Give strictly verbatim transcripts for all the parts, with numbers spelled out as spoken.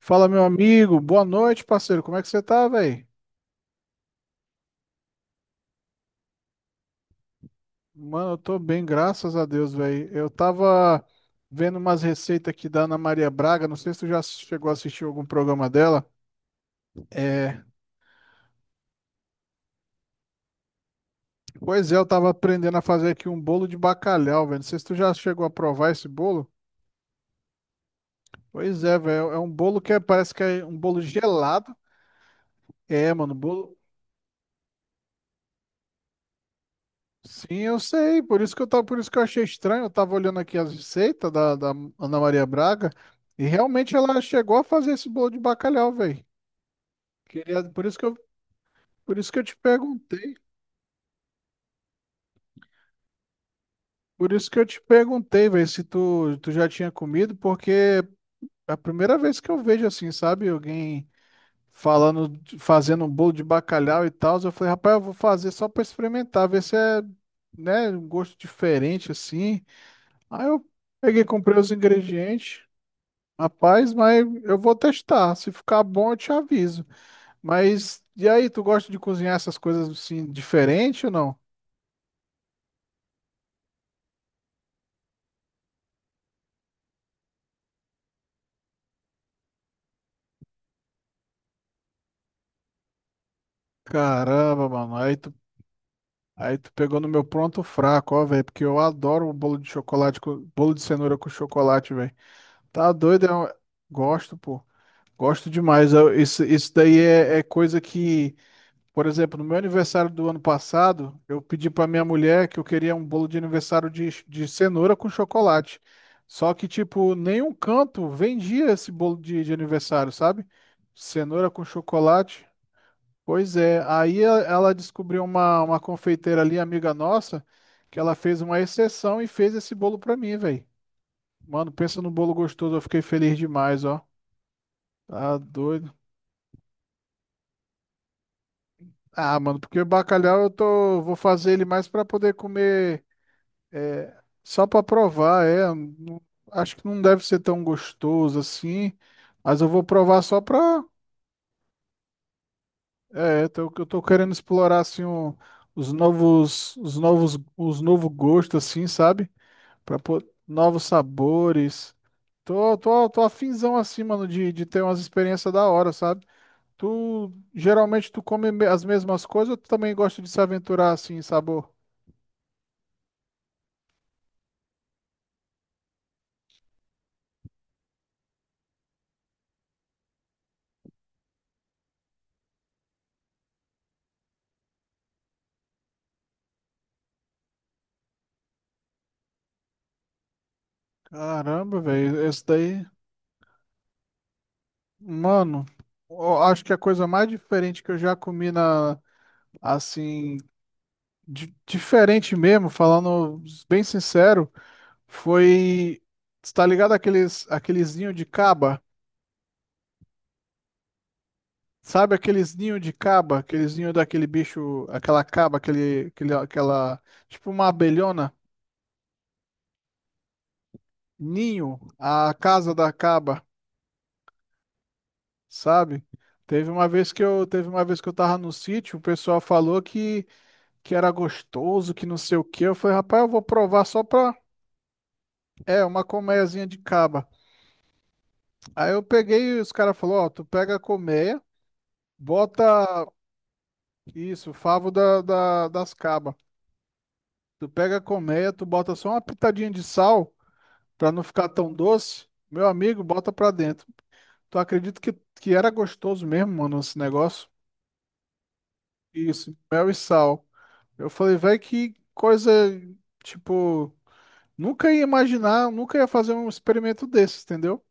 Fala, meu amigo. Boa noite, parceiro. Como é que você tá, velho? Mano, eu tô bem, graças a Deus, velho. Eu tava vendo umas receitas aqui da Ana Maria Braga. Não sei se tu já chegou a assistir algum programa dela. É, pois é, eu tava aprendendo a fazer aqui um bolo de bacalhau, velho. Não sei se tu já chegou a provar esse bolo. Pois é, velho. É um bolo que é- parece que é um bolo gelado. É, mano, bolo. Sim, eu sei, por isso que eu tava, por isso que eu achei estranho, eu tava olhando aqui as receitas da, da Ana Maria Braga e realmente ela chegou a fazer esse bolo de bacalhau, velho. Queria, por isso que eu, por isso que eu te perguntei, por isso que eu te perguntei, velho, se tu, tu já tinha comido, porque é a primeira vez que eu vejo assim, sabe, alguém falando, de- fazendo um bolo de bacalhau e tal, eu falei, rapaz, eu vou fazer só pra experimentar, ver se é, né, um gosto diferente assim. Aí eu peguei, comprei os ingredientes. Rapaz, mas eu vou testar. Se ficar bom, eu te aviso. Mas e aí, tu gosta de cozinhar essas coisas assim diferente ou não? Caramba, mano. Aí tu, aí tu pegou no meu pronto fraco, ó, velho, porque eu adoro o bolo de chocolate, com- bolo de cenoura com chocolate, velho. Tá doido? É um- Gosto, pô. Gosto demais. Eu- isso, isso daí é, é, coisa que Por exemplo, no meu aniversário do ano passado, eu pedi para minha mulher que eu queria um bolo de aniversário de, de cenoura com chocolate. Só que, tipo, nenhum canto vendia esse bolo de, de aniversário, sabe? Cenoura com chocolate. Pois é, aí a- ela descobriu uma, uma confeiteira ali, amiga nossa, que ela fez uma exceção e fez esse bolo pra mim, velho. Mano, pensa no bolo gostoso, eu fiquei feliz demais, ó. Tá doido. Ah, mano, porque o bacalhau eu tô, vou fazer ele mais pra poder comer. É, só para provar, é. não- Acho que não deve ser tão gostoso assim, mas eu vou provar só para. É, tô- eu tô querendo explorar assim o- os novos, os novos, os novo gosto assim, sabe? Para pôr novos sabores. Tô, tô, tô afinzão assim, mano, de, de, ter umas experiências da hora, sabe? Tu geralmente tu come me- as mesmas coisas ou tu também gosta de se aventurar assim, em sabor? Caramba, velho, esse daí. Mano, eu acho que a coisa mais diferente que eu já comi na, assim, di- diferente mesmo, falando bem sincero, foi, tá ligado aqueles, aqueles ninho de caba? Sabe aqueles ninho de caba? Aqueles ninho daquele bicho, aquela caba, aquele, aquele, aquela, tipo uma abelhona, ninho, a casa da caba, sabe? Teve uma vez que eu, teve uma vez que eu tava no sítio, o pessoal falou que que era gostoso, que não sei o que. Eu falei, rapaz, eu vou provar só pra. É, uma colmeiazinha de caba. Aí eu peguei e os caras falaram: Ó, tu pega a colmeia, bota isso, o favo da, da- das cabas. Tu pega a colmeia, tu bota só uma pitadinha de sal pra não ficar tão doce. Meu amigo, bota pra dentro. Tu acredita que, que era gostoso mesmo, mano, esse negócio? Isso, mel e sal. Eu falei, velho, que coisa, tipo, nunca ia imaginar, nunca ia fazer um experimento desse, entendeu?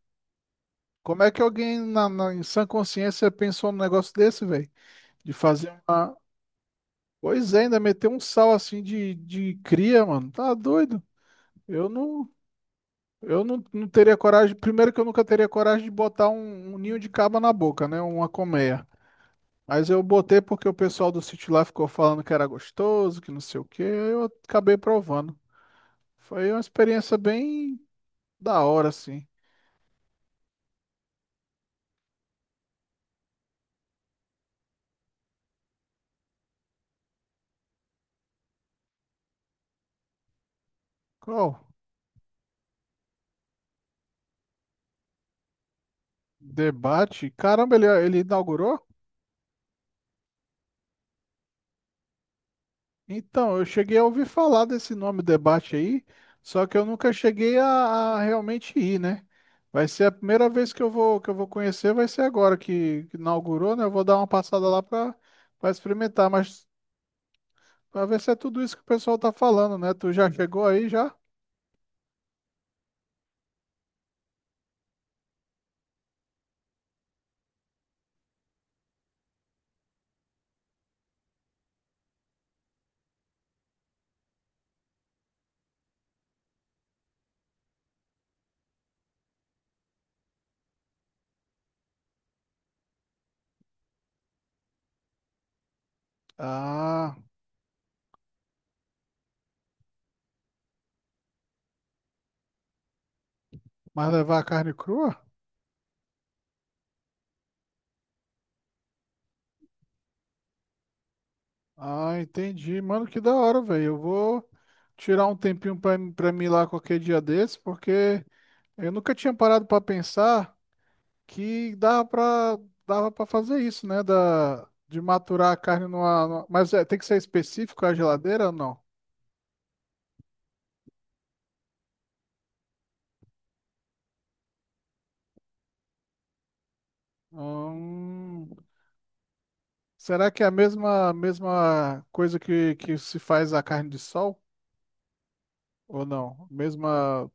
Como é que alguém na, na- em sã consciência pensou num negócio desse, velho? De fazer uma. Pois é, ainda meter um sal assim de, de cria, mano. Tá doido? Eu não, eu não, não teria coragem. Primeiro que eu nunca teria coragem de botar um, um ninho de caba na boca, né? Uma colmeia. Mas eu botei porque o pessoal do sítio lá ficou falando que era gostoso, que não sei o quê. Aí eu acabei provando. Foi uma experiência bem da hora, assim. Qual? Debate? Caramba, ele, ele inaugurou? Então, eu cheguei a ouvir falar desse nome debate aí, só que eu nunca cheguei a, a realmente ir, né? Vai ser a primeira vez que eu vou que eu vou conhecer, vai ser agora que, que inaugurou, né? Eu vou dar uma passada lá para para experimentar, mas para ver se é tudo isso que o pessoal tá falando, né? Tu já chegou aí já? Ah, mas levar a carne crua? Ah, entendi. Mano, que da hora, velho. Eu vou tirar um tempinho para para mim ir lá qualquer dia desse, porque eu nunca tinha parado para pensar que dava para dava para fazer isso, né? Da, de maturar a carne numa, numa- Mas é, tem que ser específico a geladeira ou não? Hum, Será que é a mesma, mesma coisa que, que se faz a carne de sol? Ou não? Mesma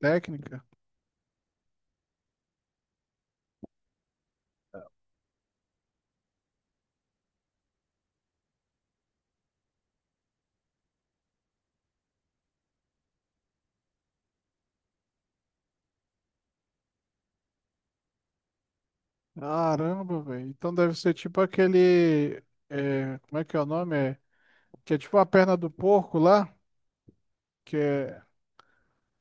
técnica? Caramba, velho. Então deve ser tipo aquele. É, como é que é o nome? É, que é tipo a perna do porco lá. Que é,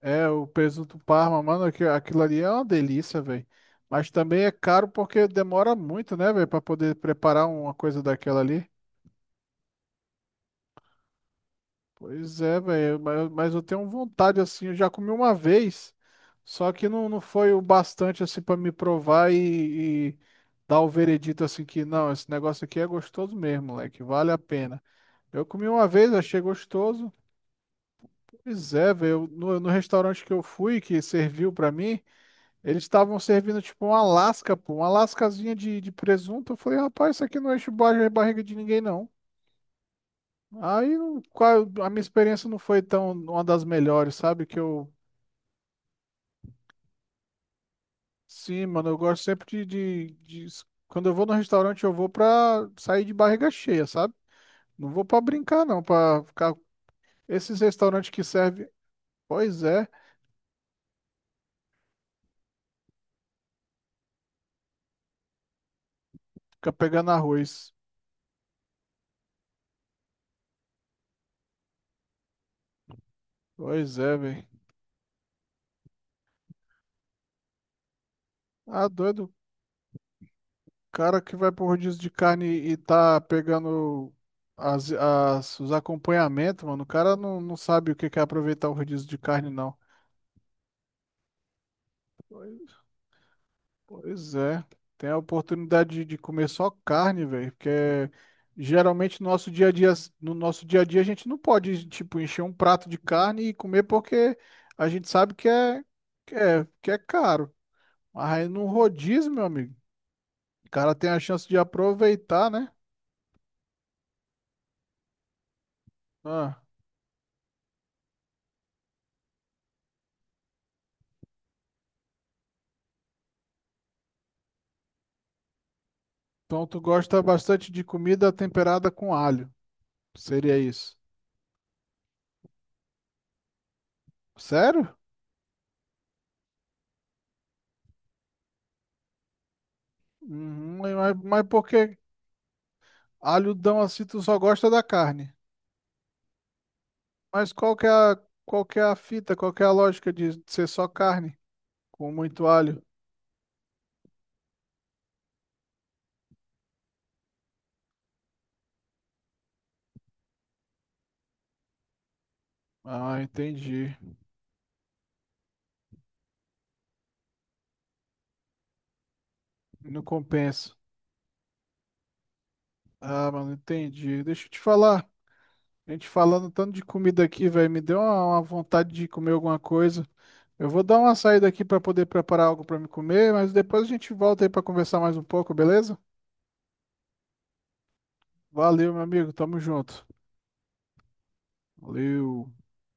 É, o presunto Parma, mano, aqui- aquilo ali é uma delícia, velho. Mas também é caro porque demora muito, né, velho, pra poder preparar uma coisa daquela ali. Pois é, velho, mas, mas eu tenho vontade, assim, eu já comi uma vez, só que não, não foi o bastante, assim, pra me provar e, e dar o veredito, assim, que não, esse negócio aqui é gostoso mesmo, moleque, vale a pena. Eu comi uma vez, achei gostoso. Pois é, velho, no, no restaurante que eu fui, que serviu pra mim. Eles estavam servindo tipo uma lasca, pô, uma lascazinha de, de presunto. Eu falei, rapaz, isso aqui não enche ba- barriga de ninguém, não. Aí não- qual- A minha experiência não foi tão uma das melhores, sabe? Que eu, sim, mano, eu gosto sempre de, de, de- quando eu vou no restaurante, eu vou pra sair de barriga cheia, sabe? Não vou pra brincar, não, pra ficar. Esses restaurantes que servem, pois é, fica pegando arroz. Pois é, velho. Ah, doido. Cara que vai pro rodízio de carne e tá pegando as, as- os acompanhamentos, mano, o cara não, não sabe o que que é aproveitar o rodízio de carne, não. Pois é, tem a oportunidade de, de comer só carne, velho, porque geralmente no nosso dia a dia, no nosso dia a dia a gente não pode, tipo, encher um prato de carne e comer porque a gente sabe que é, que é, que é caro. Mas aí no rodízio, meu amigo, o cara tem a chance de aproveitar, né? Ah. Então tu gosta bastante de comida temperada com alho. Seria isso. Sério? Uhum, mas, mas por que alhodão assim tu só gosta da carne? Mas qual que é a, qual que é a fita, qual que é a lógica de ser só carne com muito alho? Ah, entendi. Não compensa. Ah, mano, entendi. Deixa eu te falar. A gente falando tanto de comida aqui, velho, me deu uma, uma, vontade de comer alguma coisa. Eu vou dar uma saída aqui para poder preparar algo para me comer, mas depois a gente volta aí para conversar mais um pouco, beleza? Valeu, meu amigo. Tamo junto. Valeu.